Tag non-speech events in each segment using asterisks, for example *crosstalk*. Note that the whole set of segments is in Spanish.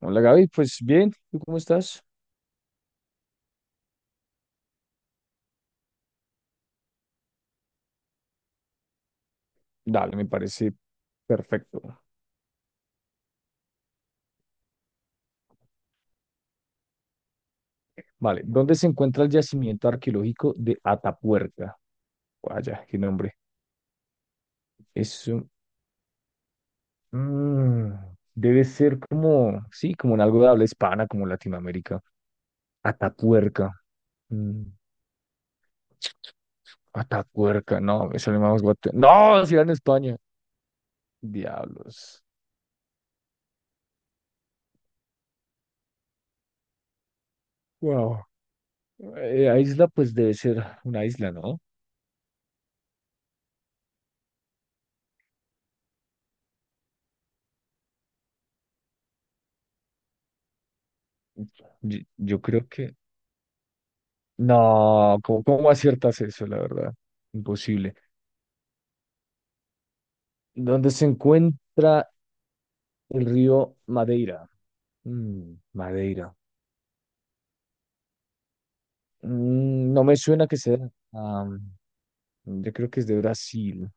Hola, Gaby, pues bien, ¿tú cómo estás? Dale, me parece perfecto. Vale, ¿dónde se encuentra el yacimiento arqueológico de Atapuerca? Vaya, qué nombre. Eso mm, debe ser como, sí, como en algo de habla hispana, como Latinoamérica. Atapuerca. mm, Atapuerca, no, me sale más guate. No, si era en España. Diablos. Wow. Isla, pues debe ser una isla, ¿no? Yo creo que... No, ¿cómo aciertas eso, la verdad? Imposible. ¿Dónde se encuentra el río Madeira? Mm, Madeira. No me suena que sea. am, yo creo que es de Brasil.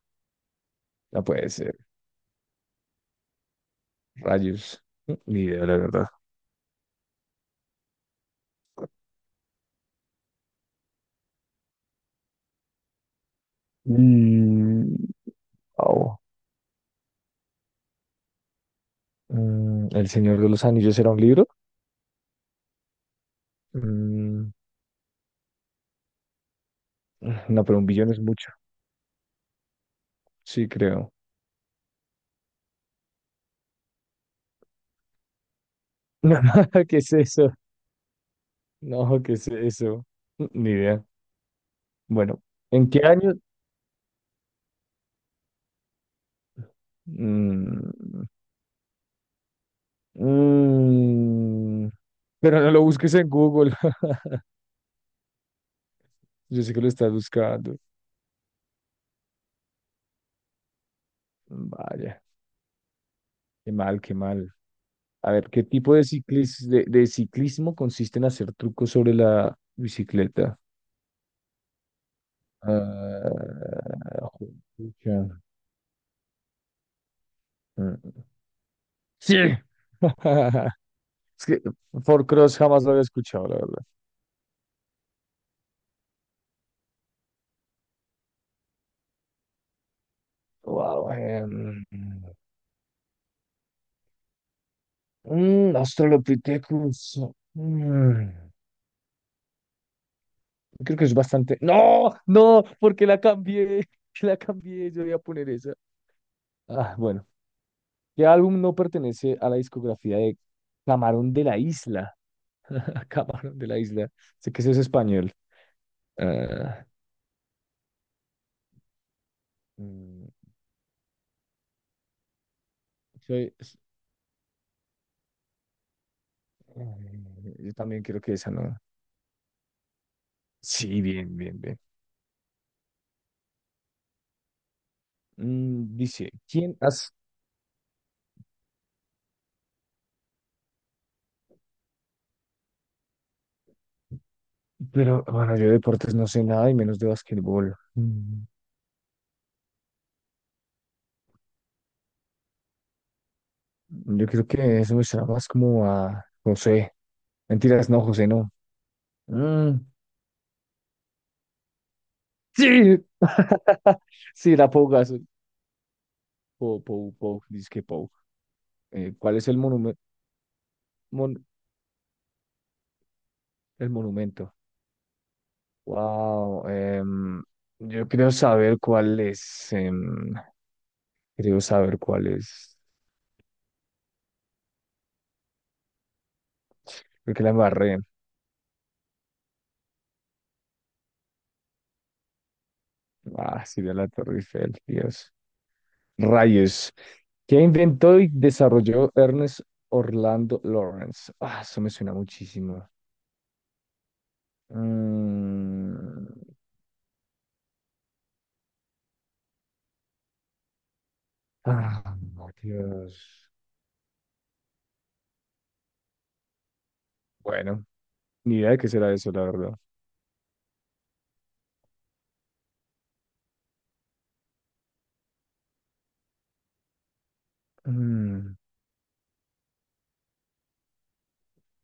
No puede ser. Rayos. Ni idea, la verdad. Mm, au. ¿El Señor de los Anillos era un libro? Mm, no, pero un billón es mucho. Sí, creo. *laughs* ¿Qué es eso? No, ¿qué es eso? Ni idea. Bueno. ¿En qué año... Mm, mm, pero no lo busques en Google. *laughs* Yo sé que lo estás buscando. Vaya, qué mal, qué mal. A ver, ¿qué tipo de de ciclismo consiste en hacer trucos sobre la bicicleta? Ah, juepucha. Mm, mm. Sí. *laughs* Es que Four-Cross jamás lo había escuchado, la verdad. Wow. Australopithecus. Mm. Creo que es bastante. ¡No! ¡No! Porque la cambié. *laughs* La cambié. Yo voy a poner esa. Ah, bueno. ¿Qué álbum no pertenece a la discografía de Camarón de la Isla? *laughs* Camarón de la Isla. Sé que eso es español. Ah, mm, soy- s- yo también creo que esa no. Sí, bien, bien, bien. Dice, ¿quién has...? Pero, bueno, yo de deportes no sé nada y menos de basquetbol. Mm. Yo creo que eso me suena más como a José. Mentiras, no, José, no. Mm, sí, *laughs* sí, la Pou Gasol. Pou, Pou, Pou, dizque Pou. ¿Cuál es el monumento? El monumento. Wow, yo creo saber cuál es. Creo saber cuál es. Creo que la embarré. Ah, sí, de la Torre Eiffel, Dios. Rayos. ¿Qué inventó y desarrolló Ernest Orlando Lawrence? Ah, eso me suena muchísimo. Mm, Ah, Dios. Bueno. Ni idea de qué será eso, la verdad. Mm,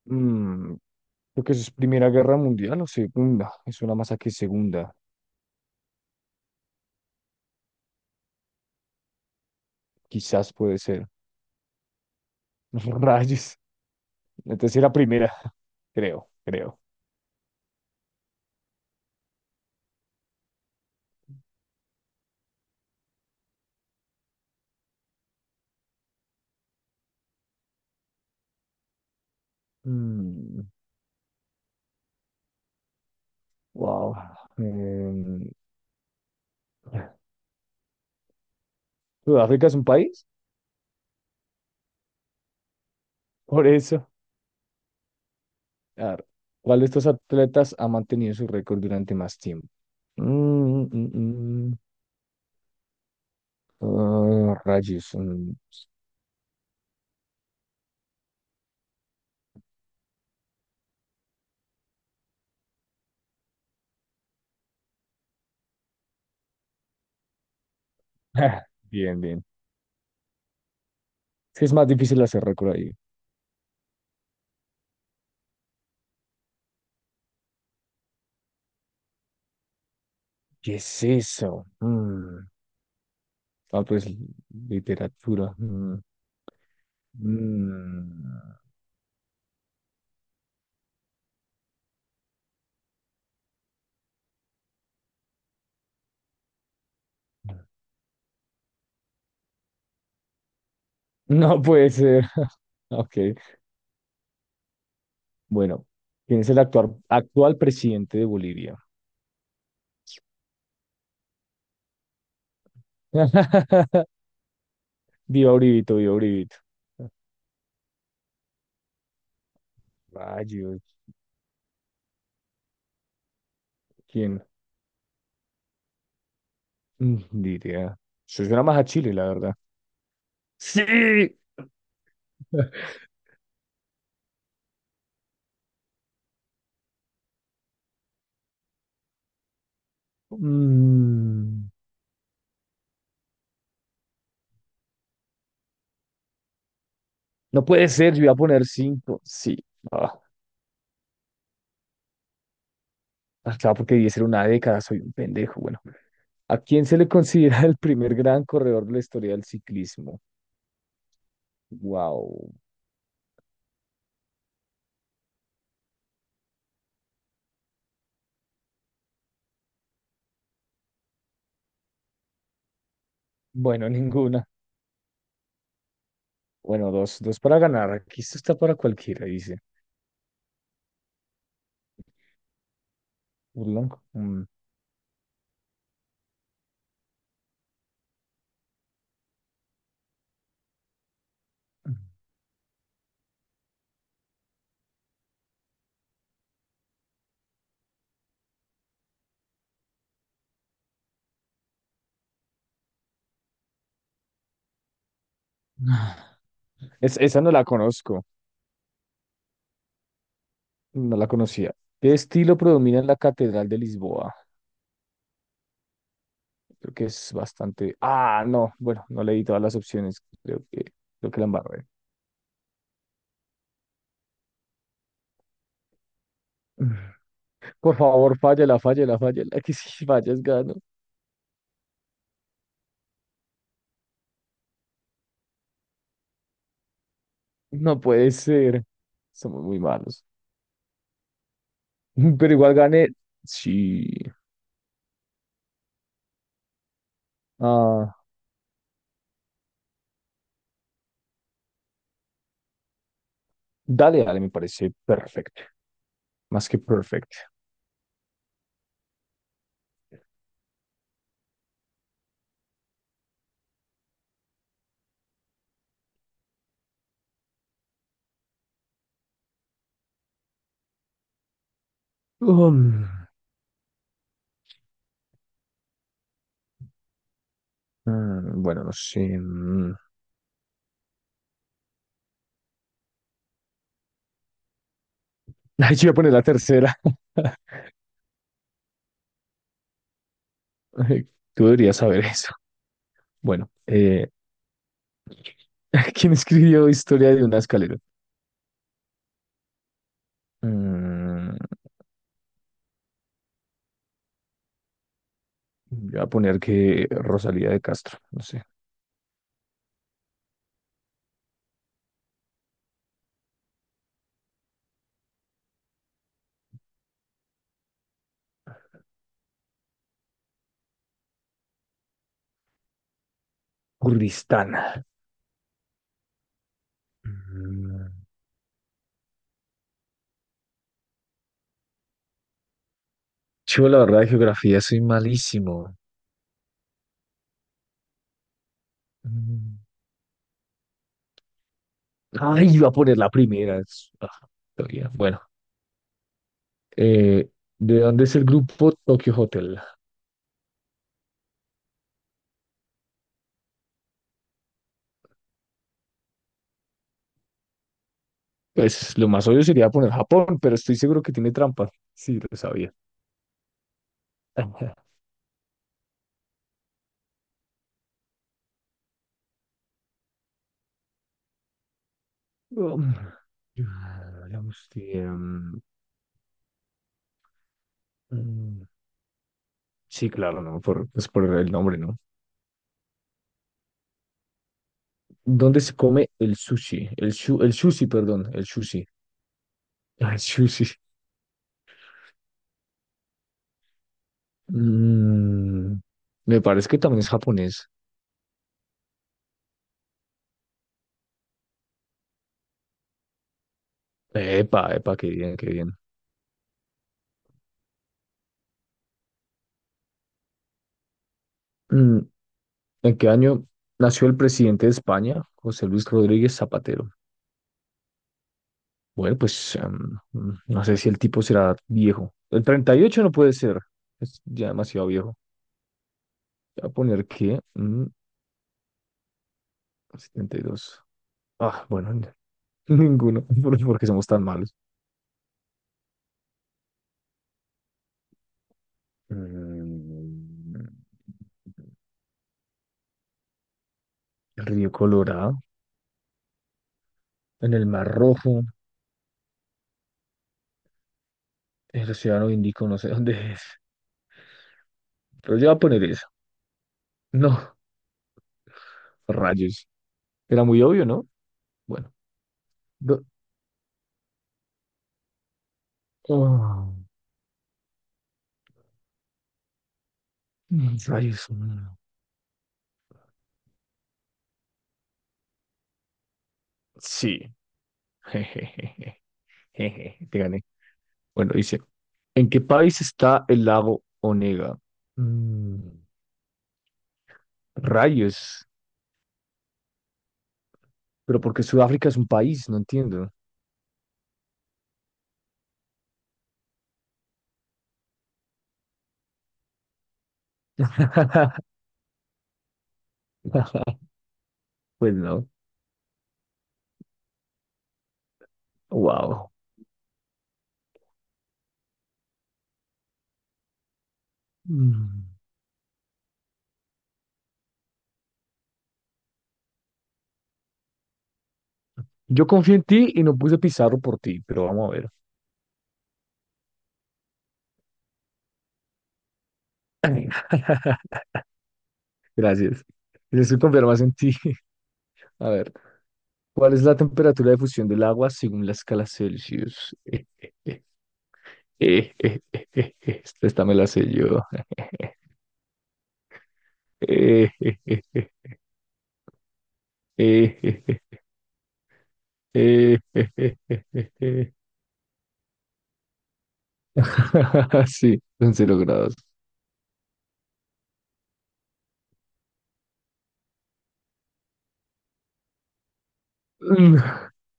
mm, Creo que eso es Primera Guerra Mundial o Segunda. Es una más que Segunda. Quizás puede ser. *laughs* Rayos. Entonces era primera. *laughs* Creo, creo. Mm, wow. Em, ¿Sudáfrica es un país? Por eso. A ver, ¿cuál de estos atletas ha mantenido su récord durante más tiempo? Mm, mm, mm. Ah, rayos. Mm. *laughs* Bien, bien. Es que es más difícil hacer récord ahí. ¿Qué es eso? Mm. Ah, pues literatura. Mm. Mm. No puede ser. *laughs* Ok, bueno. ¿Quién es el actual presidente de Bolivia? *laughs* Viva Uribito, viva Uribito. Rayos. ¿Quién? Ni idea. Eso suena más a Chile, la verdad. ¡Sí! *laughs* Mm, no puede ser, yo iba a poner cinco. Sí. Ah, acá porque 10 era una década, soy un pendejo. Bueno. ¿A quién se le considera *laughs* el primer gran corredor de la historia del ciclismo? Wow. Bueno, ninguna. Bueno, dos, dos para ganar. Aquí esto está para cualquiera, dice. Urlong. Mm. *sighs* Esa no la conozco, no la conocía. ¿Qué estilo predomina en la Catedral de Lisboa? Creo que es bastante. Ah, no, bueno, no leí todas las opciones. Creo que la embarré. *sighs* *laughs* Por favor, fállala, fállala, fállala. *laughs* Que si fallas, gano. No puede ser. Somos muy malos. *laughs* Pero igual gané. Sí. Ah, dale, dale, me parece perfecto. Más que perfecto. Um, bueno, no sé. Mm. *laughs* Ay, yo voy a poner la tercera. *laughs* Ay, tú deberías saber eso. Bueno, *laughs* ¿quién escribió Historia de una escalera? Mm, Voy a poner que Rosalía de Castro, no sé. Kurdistán. Mm. Yo, la verdad, de geografía soy malísimo. Mm. Ay, iba a poner la primera. Todavía. Bueno, eh, ¿de dónde es el grupo Tokyo Hotel? Pues lo más obvio sería poner Japón, pero estoy seguro que tiene trampa. Sí, lo sabía. *laughs* Um, veamos si, mm, sí, claro, ¿no? Pues por el nombre, ¿no? ¿Dónde se come el sushi? El sushi, perdón, el sushi. *laughs* Ah, el sushi. Mm, Me parece que también es japonés. Epa, epa, qué bien, qué bien. Mm, ¿En qué año nació el presidente de España, José Luis Rodríguez Zapatero? Bueno, pues no sé si el tipo será viejo. El 38 no puede ser, es ya demasiado viejo. Voy a poner que 72. Ah, bueno, *laughs* ninguno, *laughs* porque somos tan malos. Mm. El río Colorado, en el Mar Rojo, el Océano Índico, no sé *laughs* dónde es. Pero yo voy a poner eso. No, rayos. Era muy obvio, ¿no? Bueno. do- oh, Rayos. Mm. Sí. *laughs* Jejeje, jeje, te gané. Bueno, dice, ¿en qué país está el lago Onega? Mm, Rayos. Pero porque Sudáfrica es un país, no entiendo. *laughs* Pues no. Wow. Mm. Yo confío en ti y no puse Pizarro por ti, pero vamos a ver. *laughs* Gracias. Necesito confiar más en ti. *laughs* A ver, ¿cuál es la temperatura de fusión del agua según la escala Celsius? *laughs* Esta me la sé yo. *laughs* Eh, eh, eh, eh, eh, eh, eh, eh, eh, eh, eh, eh. *laughs* Sí, son 0 grados. Mm,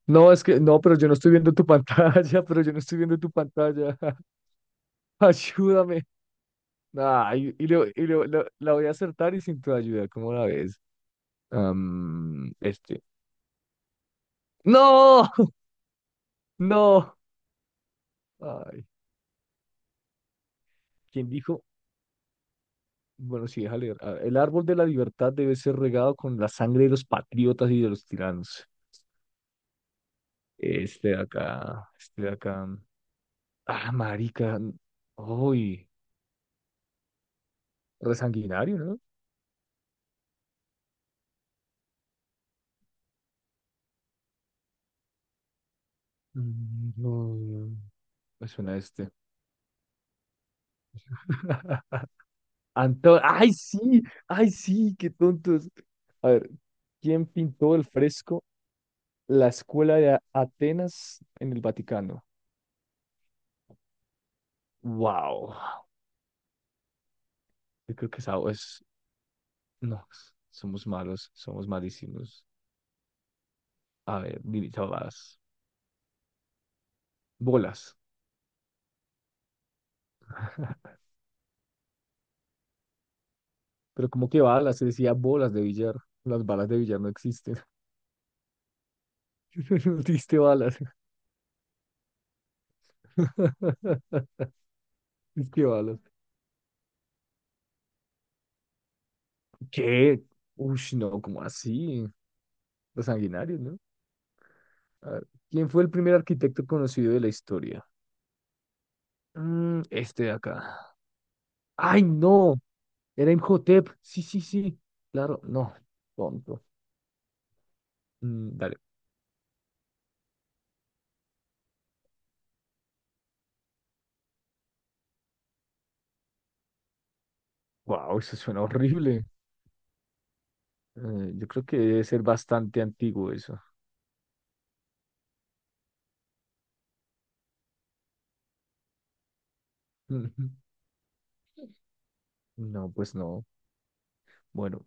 no, es que no, pero yo no estoy viendo tu pantalla, *laughs* pero yo no estoy viendo tu pantalla. *laughs* Ayúdame. Ay, la voy a acertar y sin tu ayuda, ¿cómo la ves? Este. No, *laughs* no. Ay, ¿quién dijo? Bueno, sí, deja leer. A ver, el árbol de la libertad debe ser regado con la sangre de los patriotas y de los tiranos. Este de acá, este de acá. Ah, marica. Uy, resanguinario, ¿no? Mm, no, me suena este. *laughs* ¡Ay, sí! ¡Ay, sí! ¡Qué tontos! A ver, ¿quién pintó el fresco La Escuela de Atenas en el Vaticano? ¡Wow! Yo creo que esa es... No, somos malos, somos malísimos. A ver, dirijadas. Bolas. ¿Pero como que balas? Se decía bolas de billar. Las balas de billar no existen. *laughs* No existe balas. *laughs* ¿Qué balas? ¿Qué? Uy, no, ¿cómo así? Los sanguinarios, ¿no? A ver, ¿quién fue el primer arquitecto conocido de la historia? Este de acá. ¡Ay, no! Era Imhotep. Sí, sí, sí. Claro, no. Tonto. Mm, dale. Wow, eso suena horrible. Yo creo que debe ser bastante antiguo eso. *laughs* No, pues no. Bueno,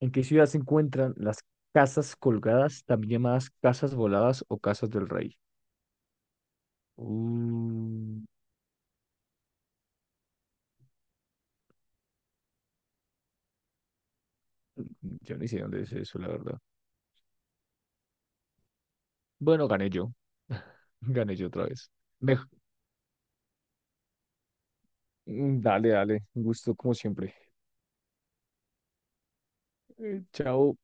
¿en qué ciudad se encuentran las casas colgadas, también llamadas casas voladas o casas del rey? Uh, yo ni sé dónde es eso, la verdad. Bueno, gané yo. *laughs* Gané yo otra vez. Mej- Dale, dale. Un gusto como siempre. Chao.